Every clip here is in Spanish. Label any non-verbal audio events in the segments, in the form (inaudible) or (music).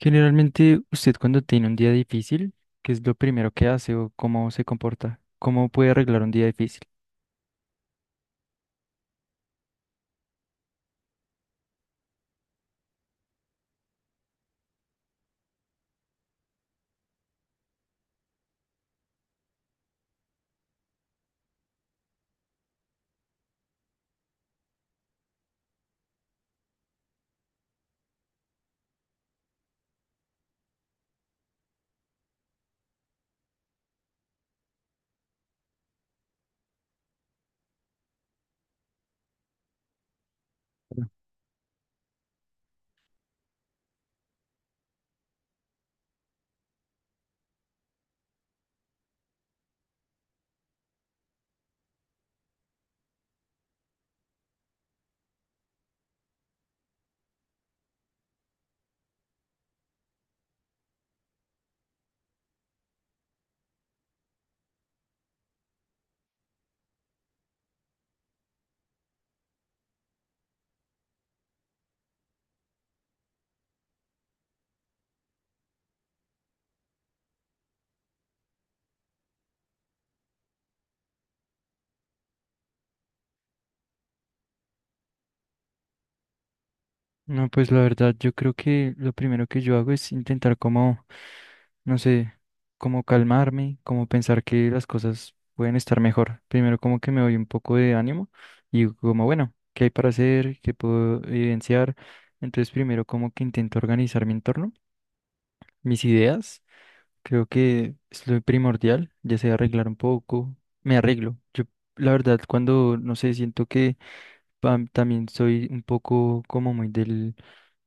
Generalmente, usted cuando tiene un día difícil, ¿qué es lo primero que hace o cómo se comporta? ¿Cómo puede arreglar un día difícil? No, pues la verdad, yo creo que lo primero que yo hago es intentar como, no sé, como calmarme, como pensar que las cosas pueden estar mejor. Primero como que me doy un poco de ánimo y digo como, bueno, ¿qué hay para hacer? ¿Qué puedo evidenciar? Entonces primero como que intento organizar mi entorno, mis ideas. Creo que es lo primordial, ya sea arreglar un poco, me arreglo. Yo, la verdad, cuando, no sé, siento que pam, también soy un poco como muy del,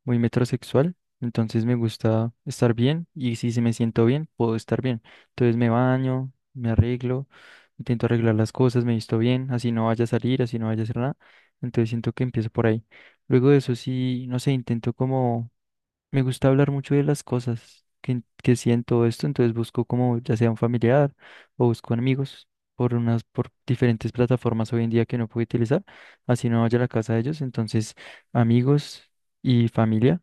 muy metrosexual, entonces me gusta estar bien y si se me siento bien, puedo estar bien. Entonces me baño, me arreglo, intento arreglar las cosas, me visto bien, así no vaya a salir, así no vaya a hacer nada. Entonces siento que empiezo por ahí. Luego de eso sí, no sé, intento como me gusta hablar mucho de las cosas que siento esto, entonces busco como ya sea un familiar o busco amigos por unas, por diferentes plataformas hoy en día que no puedo utilizar, así no vaya a la casa de ellos, entonces amigos y familia,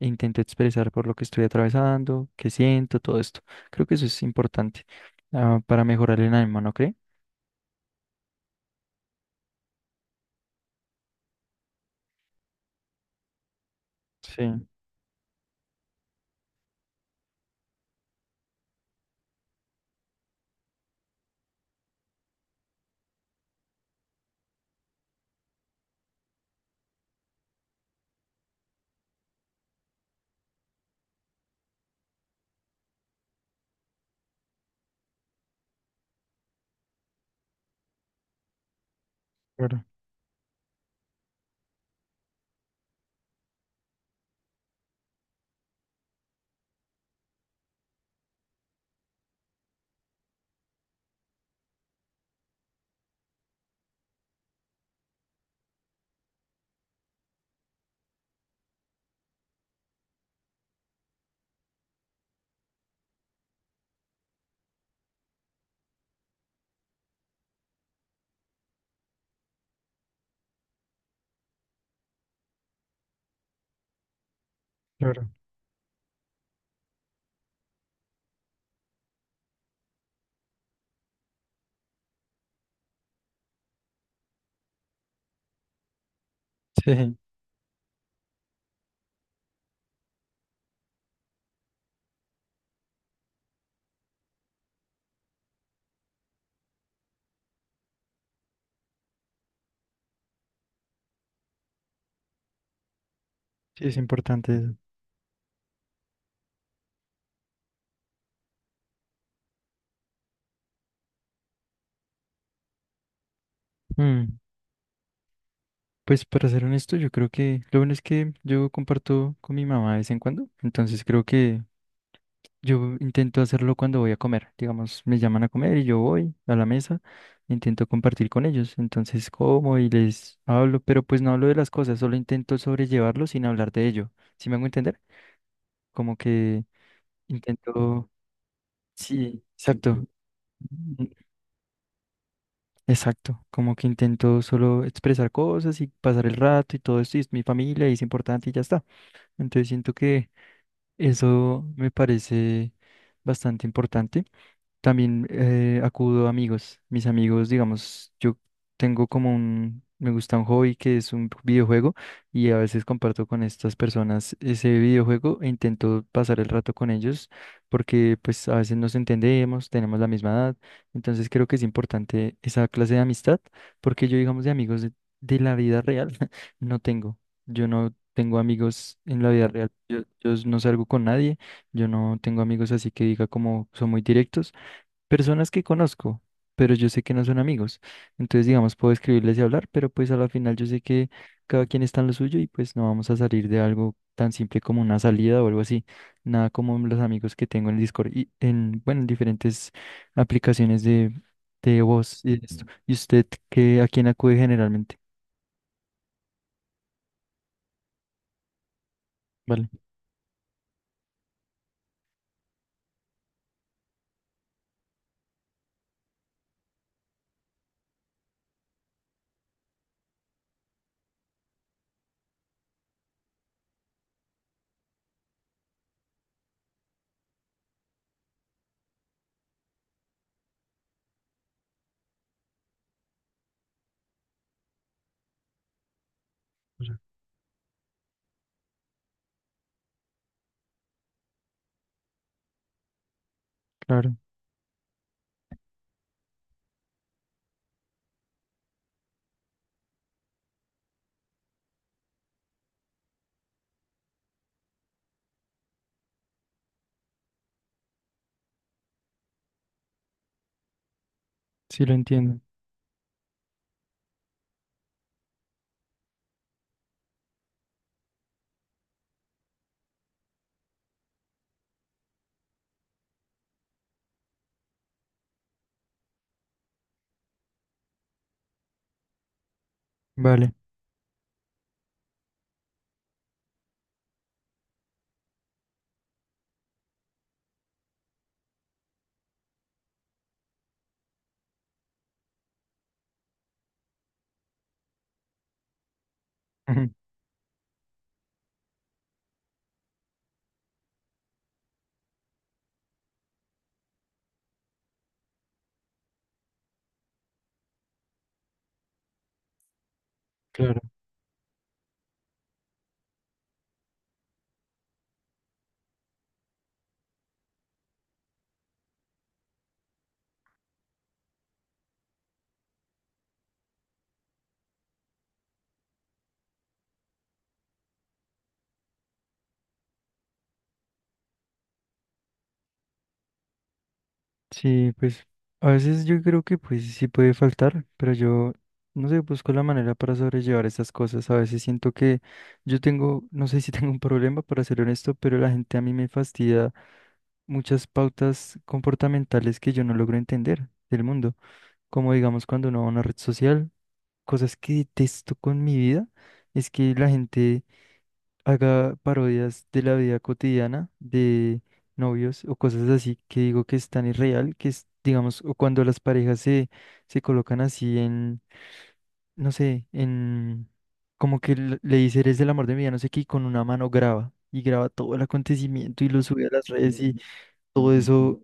e intento expresar por lo que estoy atravesando, qué siento, todo esto. Creo que eso es importante para mejorar el ánimo, ¿no cree? Sí, claro, claro. Sí, sí, es importante eso. Mm. Pues para ser honesto, yo creo que lo bueno es que yo comparto con mi mamá de vez en cuando, entonces creo que yo intento hacerlo cuando voy a comer, digamos, me llaman a comer y yo voy a la mesa, intento compartir con ellos, entonces como y les hablo, pero pues no hablo de las cosas, solo intento sobrellevarlo sin hablar de ello, ¿sí me hago entender? Como que intento, sí, exacto. Mm, exacto, como que intento solo expresar cosas y pasar el rato y todo esto, y es mi familia y es importante y ya está. Entonces siento que eso me parece bastante importante. También acudo a amigos. Mis amigos, digamos, yo tengo como un, me gusta un hobby que es un videojuego y a veces comparto con estas personas ese videojuego e intento pasar el rato con ellos porque pues a veces nos entendemos, tenemos la misma edad, entonces creo que es importante esa clase de amistad porque yo, digamos, de amigos de la vida real (laughs) no tengo. Yo no tengo amigos en la vida real. Yo no salgo con nadie. Yo no tengo amigos así que diga como son muy directos. Personas que conozco, pero yo sé que no son amigos. Entonces, digamos, puedo escribirles y hablar, pero pues a la final yo sé que cada quien está en lo suyo y pues no vamos a salir de algo tan simple como una salida o algo así. Nada como los amigos que tengo en Discord y en, bueno, en diferentes aplicaciones de voz y de esto. ¿Y usted qué, a quién acude generalmente? Vale, o sea, claro, sí lo entiendo. Vale, (laughs) claro. Sí, pues a veces yo creo que pues sí puede faltar, pero yo no sé, busco la manera para sobrellevar estas cosas. A veces siento que yo tengo, no sé si (laughs) tengo un problema para ser honesto, pero la gente a mí me fastidia muchas pautas comportamentales que yo no logro entender del mundo. Como digamos cuando uno va a una red social, cosas que detesto con mi vida, es que la gente haga parodias de la vida cotidiana, de novios o cosas así que digo que es tan irreal, que es, digamos, o cuando las parejas se, se colocan así en, no sé, en, como que le dice, eres el amor de mi vida, no sé qué, y con una mano graba, y graba todo el acontecimiento y lo sube a las redes y todo eso.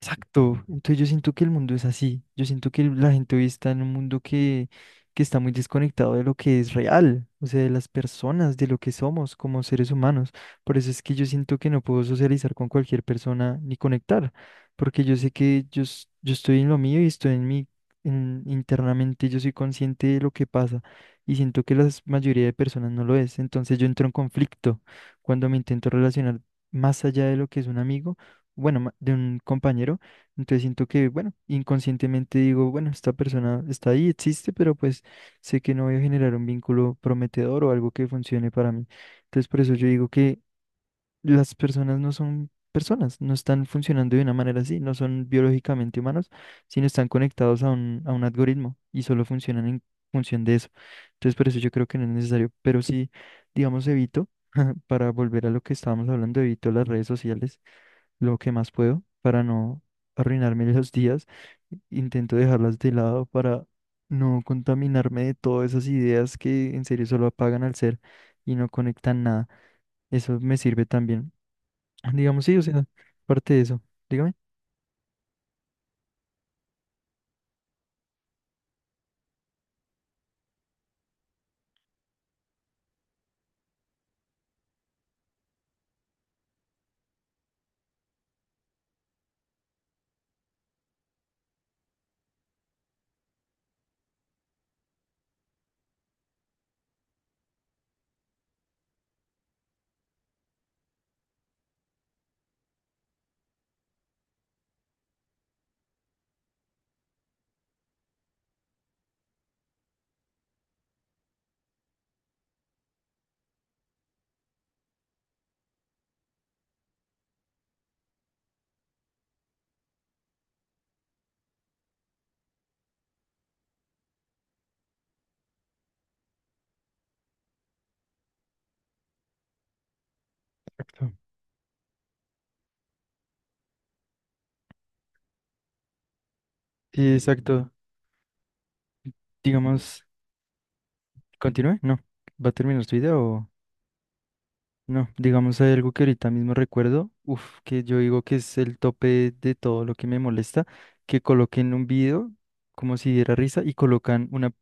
Exacto. Entonces yo siento que el mundo es así. Yo siento que la gente hoy está en un mundo que está muy desconectado de lo que es real, o sea, de las personas, de lo que somos como seres humanos. Por eso es que yo siento que no puedo socializar con cualquier persona ni conectar, porque yo sé que yo, es- yo estoy en lo mío y estoy en mi, en- internamente yo soy consciente de lo que pasa y siento que la mayoría de personas no lo es. Entonces yo entro en conflicto cuando me intento relacionar más allá de lo que es un amigo bueno, ma- de un compañero. Entonces siento que, bueno, inconscientemente digo, bueno, esta persona está ahí, existe, pero pues sé que no voy a generar un vínculo prometedor o algo que funcione para mí. Entonces por eso yo digo que las personas no son personas, no están funcionando de una manera así, no son biológicamente humanos, sino están conectados a un algoritmo y solo funcionan en función de eso. Entonces por eso yo creo que no es necesario, pero sí, digamos, evito, (laughs) para volver a lo que estábamos hablando, evito las redes sociales lo que más puedo para no arruinarme (laughs) los días. Intento dejarlas de lado para no contaminarme de todas esas ideas que en serio solo apagan al ser y no conectan nada. Eso me sirve también. Digamos, sí, o sea, parte de eso. Dígame. Exacto. Sí, exacto. Digamos, continúe. No. ¿Va a terminar su idea o...? No, digamos, hay algo que ahorita mismo recuerdo, uf, que yo digo que es el tope de todo lo que me molesta, que coloquen un video como si diera risa y colocan una,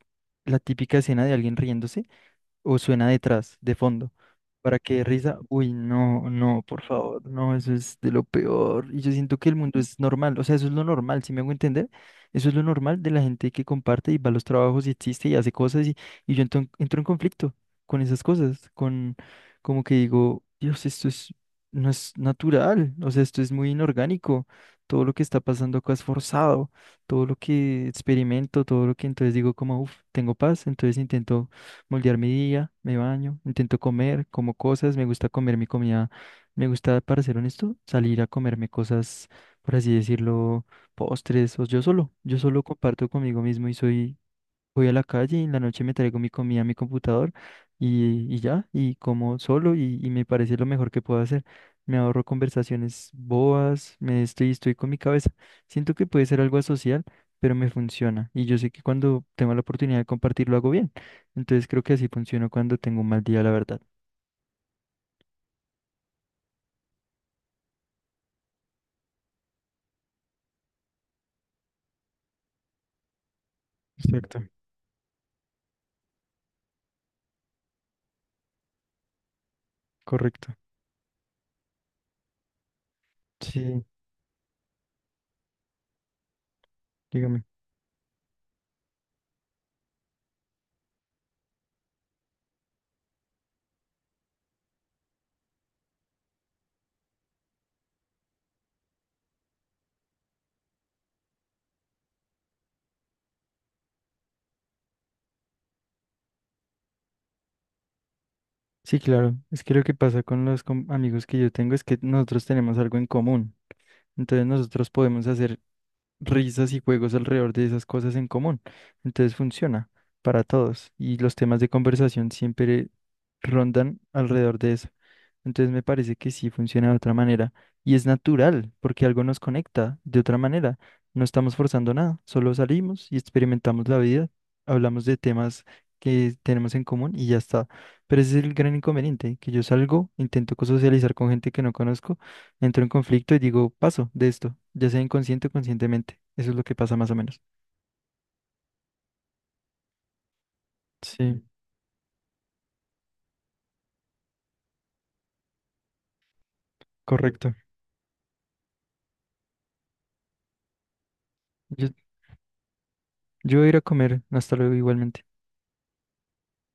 la típica escena de alguien riéndose o suena detrás, de fondo, para que dé risa. Uy, no, no, por favor, no, eso es de lo peor. Y yo siento que el mundo es normal, o sea, eso es lo normal, si me hago entender, eso es lo normal de la gente que comparte y va a los trabajos y existe y hace cosas y yo entro en conflicto con esas cosas, con como que digo, Dios, esto es, no es natural, o sea, esto es muy inorgánico, todo lo que está pasando acá es forzado, todo lo que experimento, todo lo que entonces digo como, uff, tengo paz, entonces intento moldear mi día, me baño, intento comer, como cosas, me gusta comer mi comida, me gusta, para ser honesto, salir a comerme cosas, por así decirlo, postres, o yo solo comparto conmigo mismo y soy voy a la calle y en la noche me traigo mi comida a mi computador y ya, y como solo y me parece lo mejor que puedo hacer. Me ahorro conversaciones bobas, me estoy, estoy con mi cabeza. Siento que puede ser algo asocial, pero me funciona. Y yo sé que cuando tengo la oportunidad de compartirlo hago bien. Entonces creo que así funciona cuando tengo un mal día, la verdad. Exacto, correcto. Sí, dígame. Sí, claro. Es que lo que pasa con los com- amigos que yo tengo es que nosotros tenemos algo en común. Entonces nosotros podemos hacer risas y juegos alrededor de esas cosas en común. Entonces funciona para todos y los temas de conversación siempre rondan alrededor de eso. Entonces me parece que sí funciona de otra manera. Y es natural, porque algo nos conecta de otra manera. No estamos forzando nada, solo salimos y experimentamos la vida, hablamos de temas que tenemos en común y ya está. Pero ese es el gran inconveniente, que yo salgo, intento co- socializar con gente que no conozco, entro en conflicto y digo, paso de esto, ya sea inconsciente o conscientemente. Eso es lo que pasa más o menos. Sí, correcto. Yo, yo voy a ir a comer. Hasta luego igualmente.